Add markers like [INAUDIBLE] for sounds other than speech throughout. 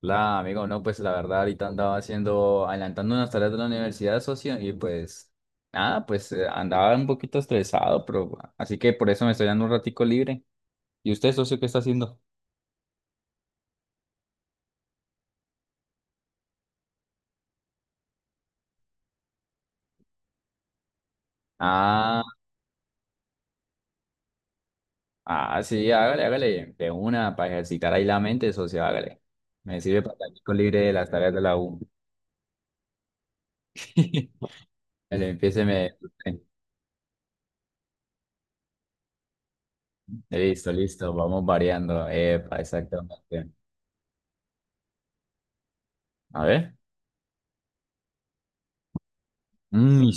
La, amigo, no, pues la verdad ahorita andaba haciendo, adelantando unas tareas de la universidad, socio, y pues nada, pues andaba un poquito estresado, pero así que por eso me estoy dando un ratico libre. ¿Y usted, socio, qué está haciendo? Ah, ah, sí, hágale, hágale, de una, para ejercitar ahí la mente, socio, hágale. Me sirve para el ratico libre de las tareas de la U. [LAUGHS] Dale, empiéceme. Listo, listo, vamos variando. Epa, exactamente. A ver. Mm.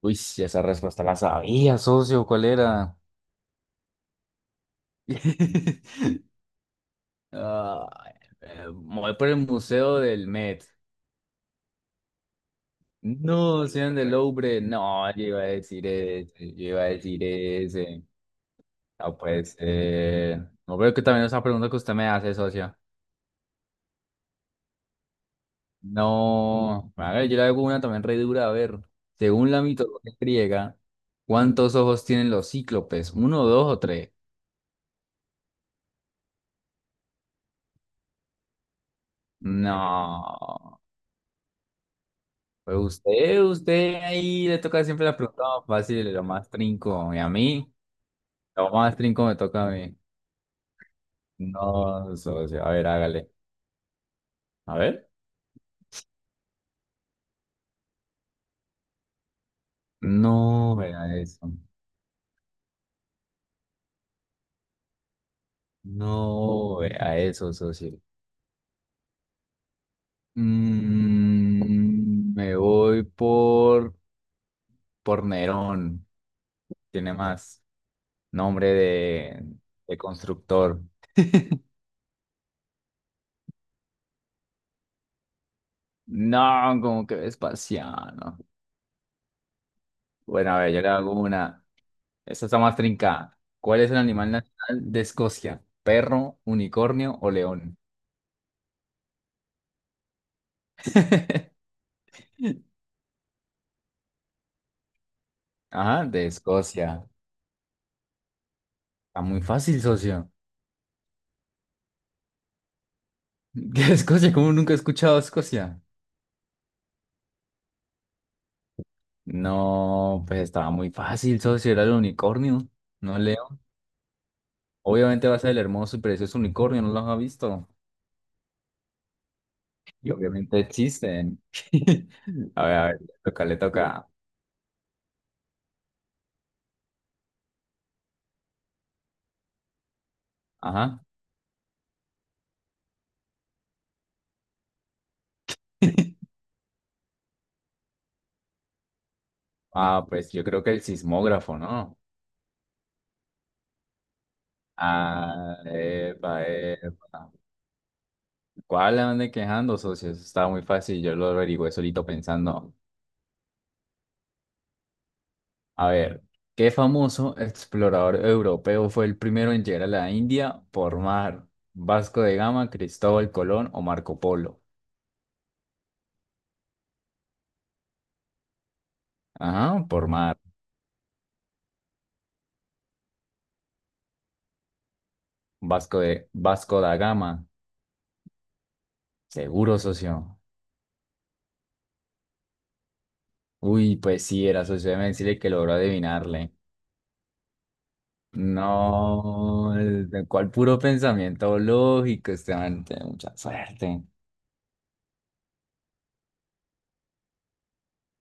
Uy, sí, esa respuesta la sabía, socio, ¿cuál era? [LAUGHS] Ah, me voy por el Museo del Met. No, sean del Louvre. No, yo iba a decir ese, yo iba a decir ese. No, pues, no creo que también esa pregunta que usted me hace, socio. No, a ver, yo le hago una también re dura. A ver, según la mitología griega, ¿cuántos ojos tienen los cíclopes? ¿Uno, dos o tres? No. Pues usted, usted ahí le toca siempre la pregunta más fácil, lo más trinco. Y a mí, lo más trinco me toca a mí. No, socio. A ver, hágale. A ver. No vea eso. No vea eso, socio. Me voy por Nerón. Tiene más nombre de constructor. No, como que Vespasiano. Bueno, a ver, yo le hago una. Esta está más trincada. ¿Cuál es el animal nacional de Escocia? ¿Perro, unicornio o león? [LAUGHS] Ajá, de Escocia. Está muy fácil, socio. [LAUGHS] ¿Qué Escocia? ¿Cómo nunca he escuchado Escocia? No, pues estaba muy fácil, socio. Era el unicornio. No leo. Obviamente va a ser el hermoso y precioso unicornio, no los ha visto. Y obviamente existen. [LAUGHS] A ver, le toca, le toca. Ajá. [LAUGHS] Ah, pues yo creo que el sismógrafo, ¿no? Ah, epa, epa. ¿Cuál le ande quejando, socio? Estaba muy fácil, yo lo averigüé solito pensando. A ver, ¿qué famoso explorador europeo fue el primero en llegar a la India por mar? ¿Vasco de Gama, Cristóbal Colón o Marco Polo? Ajá, por mar. Vasco de Vasco da Gama, seguro, socio. Uy, pues sí, era socio, déjeme decirle que logró adivinarle. No, el- ¿cuál puro pensamiento lógico? Este man tiene mucha suerte.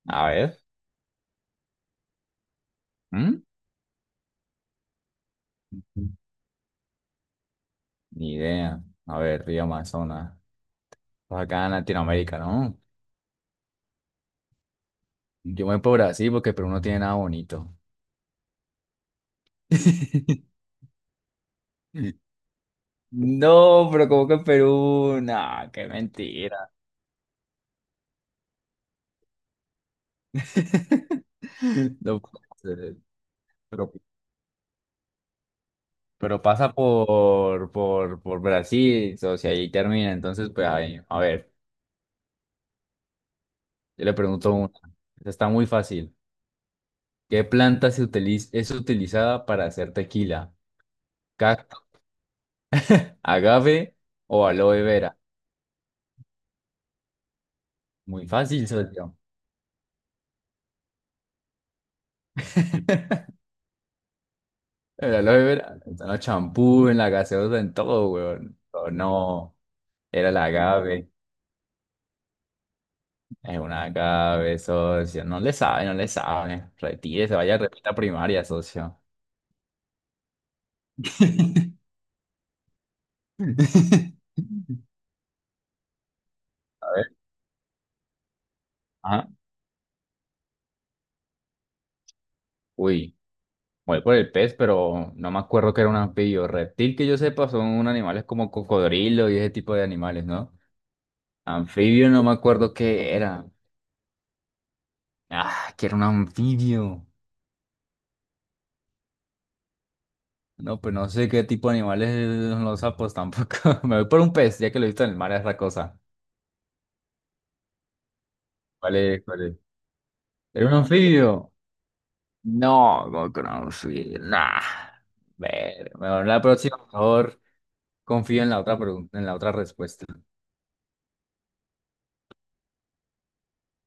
A ver, ¿mm? Ni idea. A ver, río Amazonas. Pues acá en Latinoamérica, ¿no? Yo me voy por Brasil porque Perú no tiene nada bonito. [LAUGHS] No, pero como que Perú, nah, qué mentira. [LAUGHS] No puede ser. pero, pero pasa por, por Brasil, o sea, ahí termina. Entonces, pues, ahí, a ver, yo le pregunto una. Esta está muy fácil. ¿Qué planta se utiliza, es utilizada para hacer tequila? Cactus, agave o aloe vera. Muy fácil, socio. [LAUGHS] El aloe vera, está en los champú, en la gaseosa, en todo, weón. Pero no, era el agave. Es un agave, socio. No le sabe, no le sabe. Retire, se vaya a repita primaria, socio. [LAUGHS] A ver. Ajá. Uy, voy por el pez, pero no me acuerdo que era un anfibio. Reptil que yo sepa son animales como cocodrilo y ese tipo de animales, ¿no? Anfibio no me acuerdo qué era. Ah, quiero un anfibio. No, pues no sé qué tipo de animales son los sapos tampoco. [LAUGHS] Me voy por un pez, ya que lo he visto en el mar, es la cosa. ¿Cuál es? ¿Cuál es? ¿Era un anfibio? No, no con un anfibio. Nah. Ver, mejor la próxima, mejor confío en la otra pregunta, en la otra respuesta.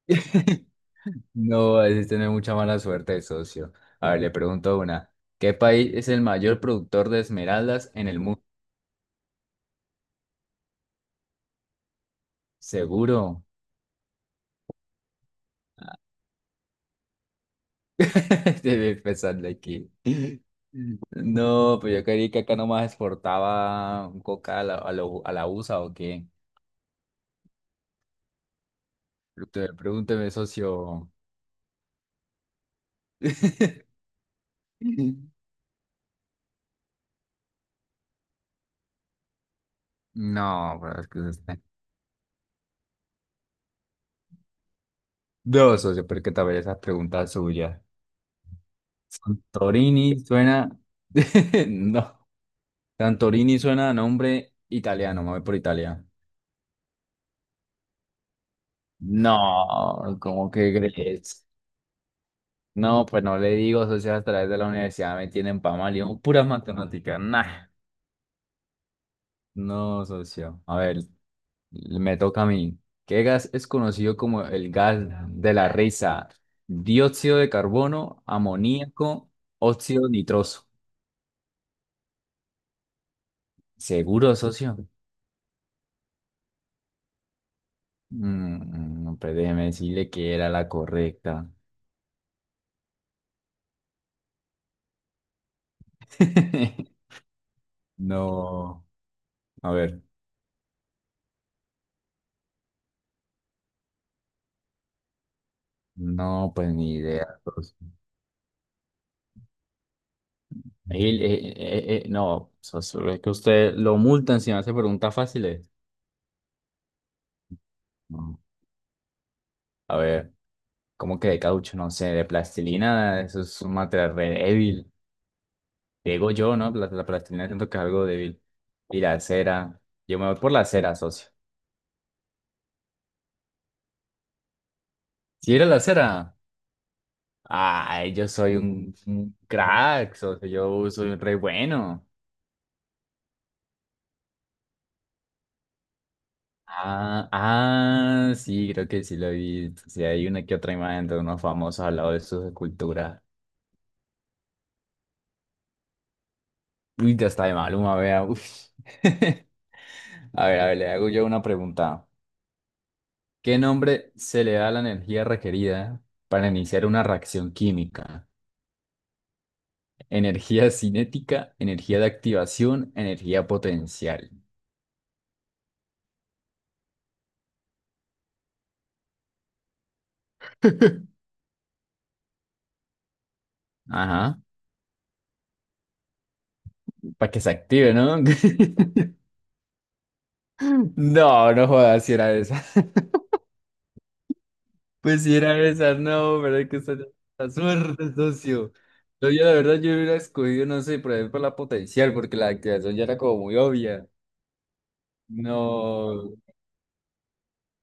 [LAUGHS] No, es tener mucha mala suerte, socio. A ver, le pregunto una. ¿Qué país es el mayor productor de esmeraldas en el mundo? Seguro. [LAUGHS] Estoy pensando aquí. No, pues yo creí que acá nomás exportaba coca a la, a lo- a la USA o qué. Pregúnteme, pregúnteme, socio. [LAUGHS] No, pero es que eso está- No, socio, pero es que también esas preguntas suyas. Santorini suena. [LAUGHS] No. Santorini suena a nombre italiano, me voy por Italia. No, ¿cómo que crees? No, pues no le digo, socio, a través de la universidad me tienen pa' mal, yo, puras matemáticas, nah. No, socio. A ver, me toca a mí. ¿Qué gas es conocido como el gas de la risa? Dióxido de carbono, amoníaco, óxido nitroso. ¿Seguro, socio? No, pues déjeme decirle que era la correcta. [LAUGHS] No, a ver, no, pues ni idea, socio. Ahí, no, o sea, solo es que usted lo multan si me hace preguntas fáciles. No. A ver, ¿cómo que de caucho? No sé, de plastilina, eso es un material re débil. Digo yo, ¿no? La plastilina siento que es algo débil. Y la cera, yo me voy por la cera, socio. Si era la cera, ay, yo soy un crack, socio, yo soy un re bueno. Ah, ah, sí, creo que sí lo vi. Sí, hay una que otra imagen de unos famosos al lado de sus esculturas. Uy, ya está de Maluma, vea. Uf. [LAUGHS] A ver, le hago yo una pregunta. ¿Qué nombre se le da a la energía requerida para iniciar una reacción química? Energía cinética, energía de activación, energía potencial. [LAUGHS] Ajá, para que se active, ¿no? [LAUGHS] No, no jodas, si era esa. [LAUGHS] Pues si era esa, no, pero es que está la suerte, socio. No, yo la verdad yo hubiera escogido, no sé, por ejemplo, la potencial, porque la activación ya era como muy obvia. No,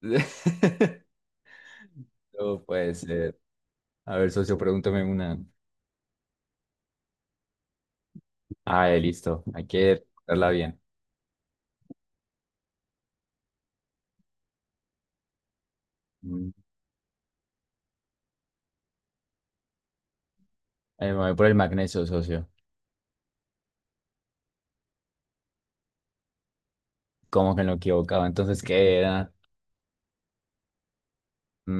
[LAUGHS] no puede ser. A ver, socio, pregúntame una. Ah, listo. Hay que darla bien. Mm. Me voy por el magnesio, socio. ¿Cómo que no equivocaba? Entonces, ¿qué era?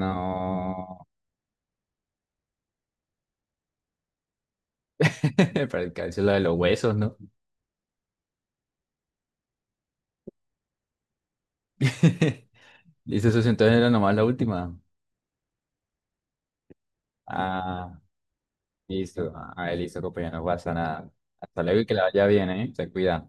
No. [LAUGHS] Para el calcio, la de los huesos, ¿no? [LAUGHS] Listo, socio. Entonces era nomás la última. Ah, listo. Ah, listo, compañero. No pasa nada. Hasta luego y que la vaya bien, ¿eh? Se cuida.